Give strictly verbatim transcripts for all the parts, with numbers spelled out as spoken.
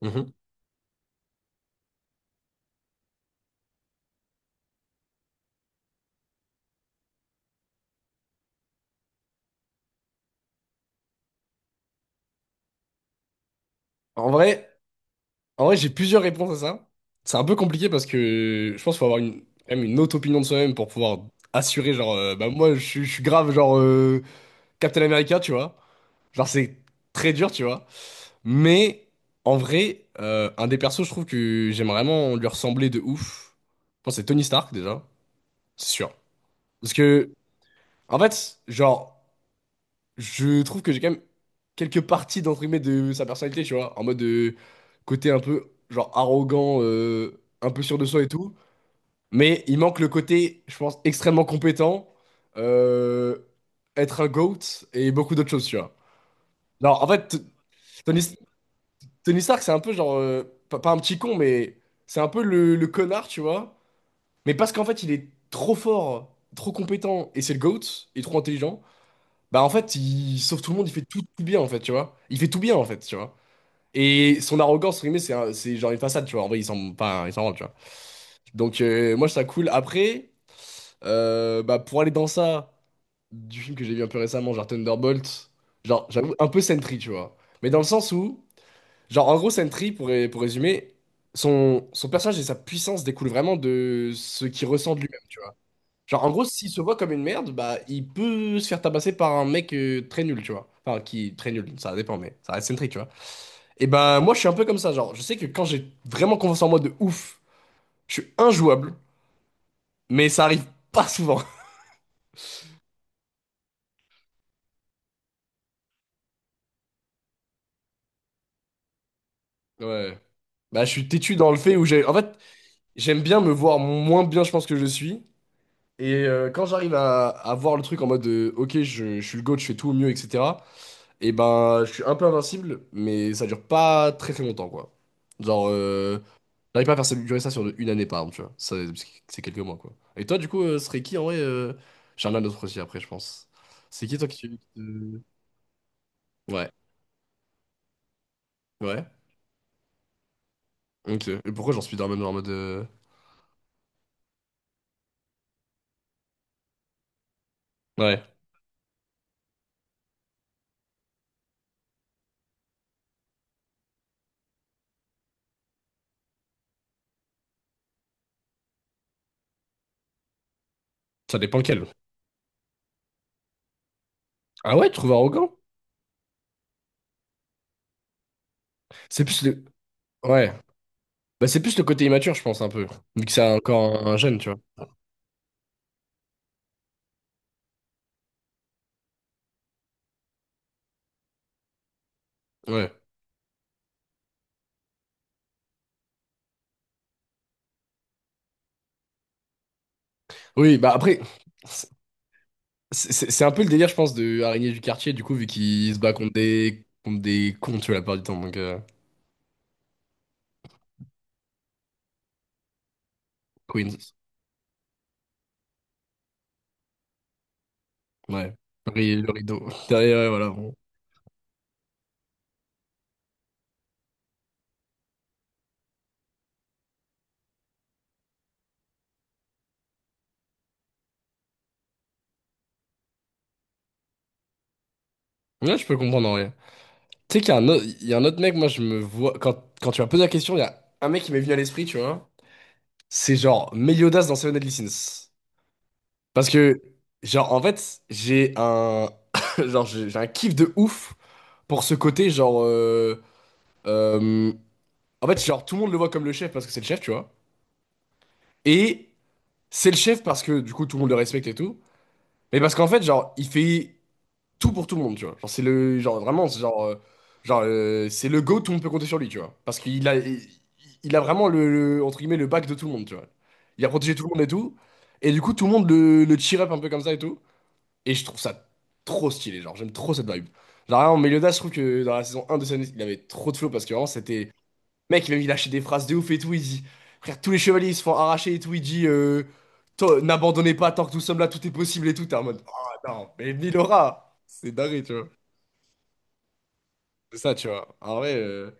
Mhm. En vrai, en vrai, j'ai plusieurs réponses à ça. C'est un peu compliqué parce que je pense qu'il faut avoir une, quand même une autre opinion de soi-même pour pouvoir assurer, genre, euh, bah moi, je, suis je suis grave, genre, euh, Captain America, tu vois. Genre, c'est très dur, tu vois. Mais, en vrai, euh, un des persos, je trouve que j'aime vraiment lui ressembler de ouf. Je pense que c'est Tony Stark, déjà. C'est sûr. Parce que, en fait, genre, je trouve que j'ai quand même quelques parties d'entre guillemets de sa personnalité, tu vois, en mode de côté un peu genre arrogant, euh, un peu sûr de soi et tout. Mais il manque le côté, je pense, extrêmement compétent, euh, être un GOAT et beaucoup d'autres choses, tu vois. Non, en fait, t- Tony, Tony Stark, c'est un peu genre, euh, pas, pas un petit con, mais c'est un peu le, le connard, tu vois. Mais parce qu'en fait, il est trop fort, trop compétent et c'est le GOAT, il est trop intelligent. Bah en fait, il sauve tout le monde, il fait tout, tout bien en fait, tu vois. Il fait tout bien en fait, tu vois. Et son arrogance, entre guillemets, c'est un- c'est genre une façade, tu vois. En vrai, il s'en pas, il s'en rend, tu vois. Donc euh, moi, je trouve ça cool. Après, euh, bah pour aller dans ça, du film que j'ai vu un peu récemment, genre Thunderbolt, genre j'avoue un peu Sentry, tu vois. Mais dans le sens où, genre en gros Sentry, pour, ré- pour résumer, son, son personnage et sa puissance découlent vraiment de ce qu'il ressent de lui-même. Genre, en gros, s'il se voit comme une merde, bah, il peut se faire tabasser par un mec euh, très nul, tu vois. Enfin, qui très nul, ça dépend, mais ça reste centrique, tu vois. Et bah, moi, je suis un peu comme ça, genre, je sais que quand j'ai vraiment confiance en moi de ouf, je suis injouable, mais ça arrive pas souvent. Ouais. Bah, je suis têtu dans le fait où j'ai. En fait, j'aime bien me voir moins bien, je pense, que je suis. Et euh, quand j'arrive à, à voir le truc en mode, euh, ok, je, je suis le GOAT, je fais tout au mieux, et cetera. Et ben, je suis un peu invincible, mais ça dure pas très très longtemps, quoi. Genre, euh, j'arrive pas à faire ça- durer ça sur de- une année par exemple, tu vois. Ça, c'est c'est quelques mois, quoi. Et toi, du coup, euh, ce serait qui en vrai euh, j'en ai un autre aussi après, je pense. C'est qui toi qui. qui te- Ouais, ouais. Ok. Et pourquoi j'en suis dans même genre en mode, euh, ouais, ça dépend lequel. Ah ouais, tu trouves arrogant? C'est plus le. Ouais. Bah, c'est plus le côté immature, je pense, un peu. Vu que c'est encore un, un jeune, tu vois. Ouais. Oui, bah après, c'est c'est- c'est un peu le délire, je pense, de araignée du quartier, du coup, vu qu'il se bat contre des, contre des cons, tu vois, la plupart du temps. Donc, euh, Queens. Ouais. Le Ri- Le rideau. Derrière, ouais, voilà, bon. Là, je peux comprendre en vrai. Tu sais qu'il y a un autre, il y a un autre mec, moi, je me vois. Quand, quand tu m'as posé la question, il y a un mec qui m'est venu à l'esprit, tu vois. C'est genre Meliodas dans Seven Deadly Sins. Parce que, genre, en fait, j'ai un. Genre, j'ai j'ai un kiff de ouf pour ce côté, genre, euh, euh, en fait, genre, tout le monde le voit comme le chef parce que c'est le chef, tu vois. Et c'est le chef parce que, du coup, tout le monde le respecte et tout. Mais parce qu'en fait, genre, il fait tout pour tout le monde, tu vois. Genre, c'est le genre vraiment, c'est genre, euh, genre euh, c'est le GOAT, tout le monde peut compter sur lui, tu vois. Parce qu'il a, il, il a vraiment le, le- entre guillemets le bac de tout le monde, tu vois. Il a protégé tout le monde et tout. Et du coup, tout le monde le, le cheer up un peu comme ça et tout. Et je trouve ça trop stylé, genre j'aime trop cette vibe. Genre vraiment, Meliodas, je trouve que dans la saison un de Sun, il avait trop de flow parce que vraiment c'était mec, il a lâché des phrases de ouf et tout. Il dit, frère, tous les chevaliers ils se font arracher et tout. Il dit, euh, toi, n'abandonnez pas tant que nous sommes là, tout est possible et tout. T'es en mode, oh non, mais Milora, c'est dingue, tu vois. C'est ça, tu vois. En vrai, euh,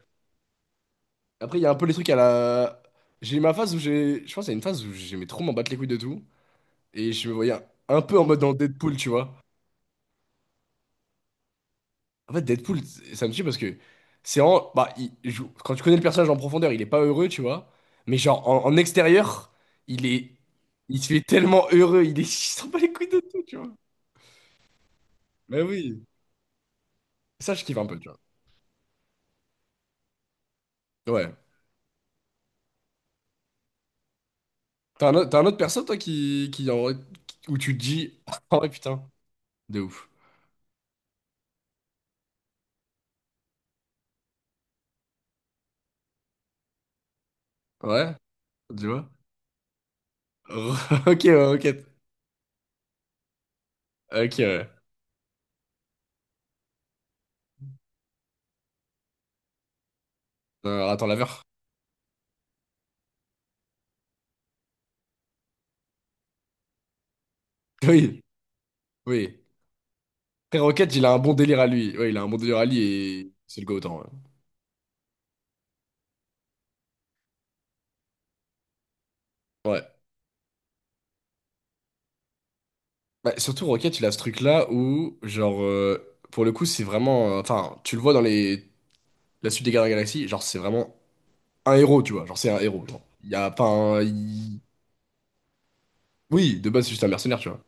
après, il y a un peu les trucs à la. J'ai eu ma phase où j'ai. Je pense qu'il y a une phase où j'aimais trop m'en battre les couilles de tout. Et je me voyais un peu en mode dans Deadpool, tu vois. En fait, Deadpool, ça me tue parce que c'est en. Bah, il joue- quand tu connais le personnage en profondeur, il est pas heureux, tu vois. Mais genre, en, en extérieur, il est. Il se fait tellement heureux, il est. Il s'en bat les couilles de tout, tu vois. Mais oui. Ça, je kiffe un peu, tu vois. Ouais. T'as un, autre- t'as un autre perso, toi, qui, qui, en- où tu te dis. Ah ouais, putain, de ouf. Ouais, tu vois. Ok, ouais, ok. Ok, ouais. Euh, attends, laveur. Oui, oui. Après, Rocket, il a un bon délire à lui. Ouais, il a un bon délire à lui et c'est le go-autant. Ouais. Ouais. Bah, surtout Rocket, il a ce truc-là où, genre, euh, pour le coup, c'est vraiment, euh, enfin, tu le vois dans les... la suite des Gardiens de la Galaxie, genre, c'est vraiment un héros, tu vois. Genre, c'est un héros. Genre. Il y a pas un. Il- Oui, de base, c'est juste un mercenaire, tu vois.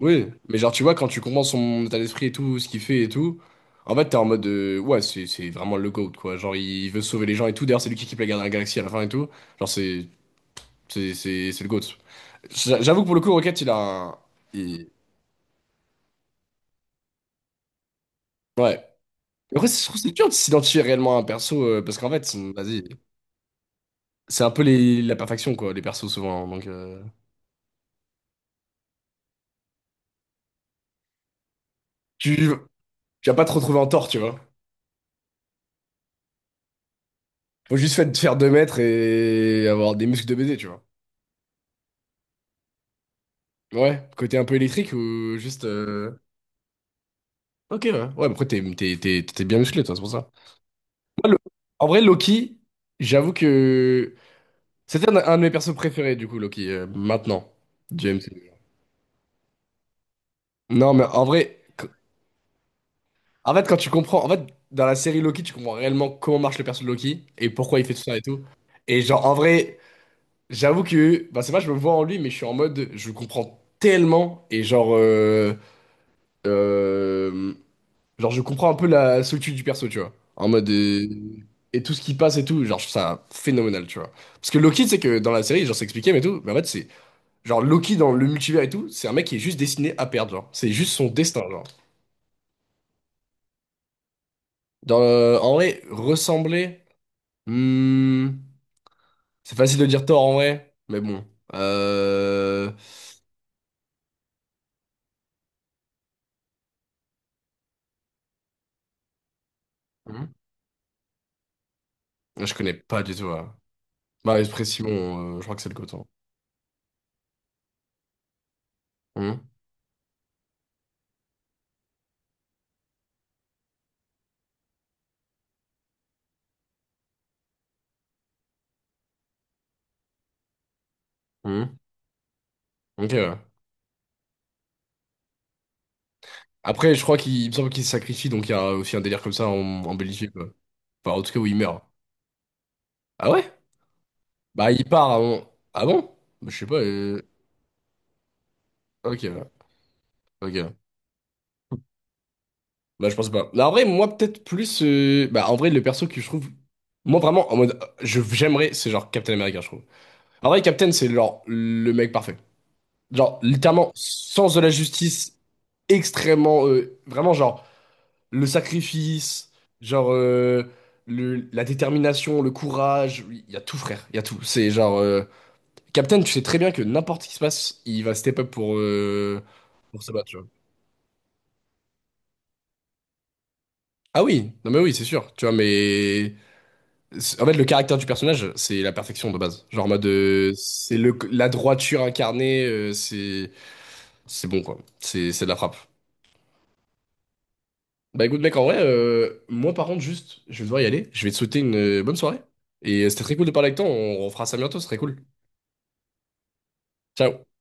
Oui, mais genre, tu vois, quand tu comprends son état d'esprit et tout, ce qu'il fait et tout, en fait, t'es en mode, euh, ouais, c'est c'est vraiment le GOAT, quoi. Genre, il veut sauver les gens et tout. D'ailleurs, c'est lui qui équipe les Gardiens de la Galaxie à la fin et tout. Genre, c'est. C'est c'est- c'est le GOAT. J'a- J'avoue que pour le coup, Rocket, il a un. Il- Ouais. Après, c'est je trouve que c'est dur de s'identifier réellement à un perso, euh, parce qu'en fait, c'est- vas-y, c'est un peu les, la perfection, quoi, les persos, souvent, hein, donc, euh, tu, tu vas pas te retrouver en tort, tu vois. Faut juste fait- faire deux mètres et avoir des muscles de baiser, tu vois. Ouais, côté un peu électrique ou juste... euh, ok, ouais. Ouais, mais après, t'es t'es- t'es- t'es bien musclé, toi, c'est pour ça. Moi, le- En vrai, Loki, j'avoue que... C'était un, un de mes persos préférés, du coup, Loki, euh, maintenant, du M C U. Non, mais en vrai... En fait, quand tu comprends, en fait, dans la série Loki, tu comprends réellement comment marche le perso de Loki et pourquoi il fait tout ça et tout. Et genre, en vrai, j'avoue que, bah, c'est pas, je me vois en lui, mais je suis en mode, je le comprends tellement et genre, euh, euh, genre, je comprends un peu la solitude du perso, tu vois. En mode, euh, et tout ce qui passe et tout, genre, je trouve ça phénoménal, tu vois. Parce que Loki, c'est que dans la série, genre, c'est expliqué, mais tout, mais en fait, c'est, genre, Loki dans le multivers et tout, c'est un mec qui est juste destiné à perdre, genre. C'est juste son destin, genre. Dans, en vrai, ressembler. Hmm, c'est facile de dire Thor en vrai, mais bon. Euh... hmm, je connais pas du tout là. Bah, Esprit Simon, euh, je crois que c'est le coton. Hmm, hmm, ok, ouais. Après, je crois qu'il il me semble qu'il se sacrifie, donc il y a aussi un délire comme ça en, en Belgique, quoi. Enfin, en tout cas, où il meurt. Ah ouais? Bah, il part avant. Ah bon? Bah, je sais pas, euh, ok, ouais, ok. Bah, je pense pas. Bah, en vrai, moi, peut-être plus, euh, bah, en vrai, le perso que je trouve. Moi, vraiment, en mode, euh, je- j'aimerais, c'est genre Captain America, je trouve. En vrai, Captain, c'est genre le mec parfait. Genre, littéralement, sens de la justice extrêmement, euh, vraiment, genre, le sacrifice, genre, euh, le, la détermination, le courage. Oui, il y a tout, frère. Il y a tout. C'est genre, euh, Captain, tu sais très bien que n'importe ce qui se passe, il va step up pour, euh, pour se battre, tu vois. Ah oui, non mais oui, c'est sûr. Tu vois, mais c'est- en fait, le caractère du personnage, c'est la perfection de base. Genre, en mode, euh, c'est le, la droiture incarnée, euh, c'est. C'est bon, quoi. C'est c'est de la frappe. Bah écoute mec, en vrai, euh, moi par contre juste, je vais devoir y aller. Je vais te souhaiter une euh, bonne soirée. Et euh, c'était très cool de parler avec toi, on refera ça bientôt, ce serait cool. Ciao.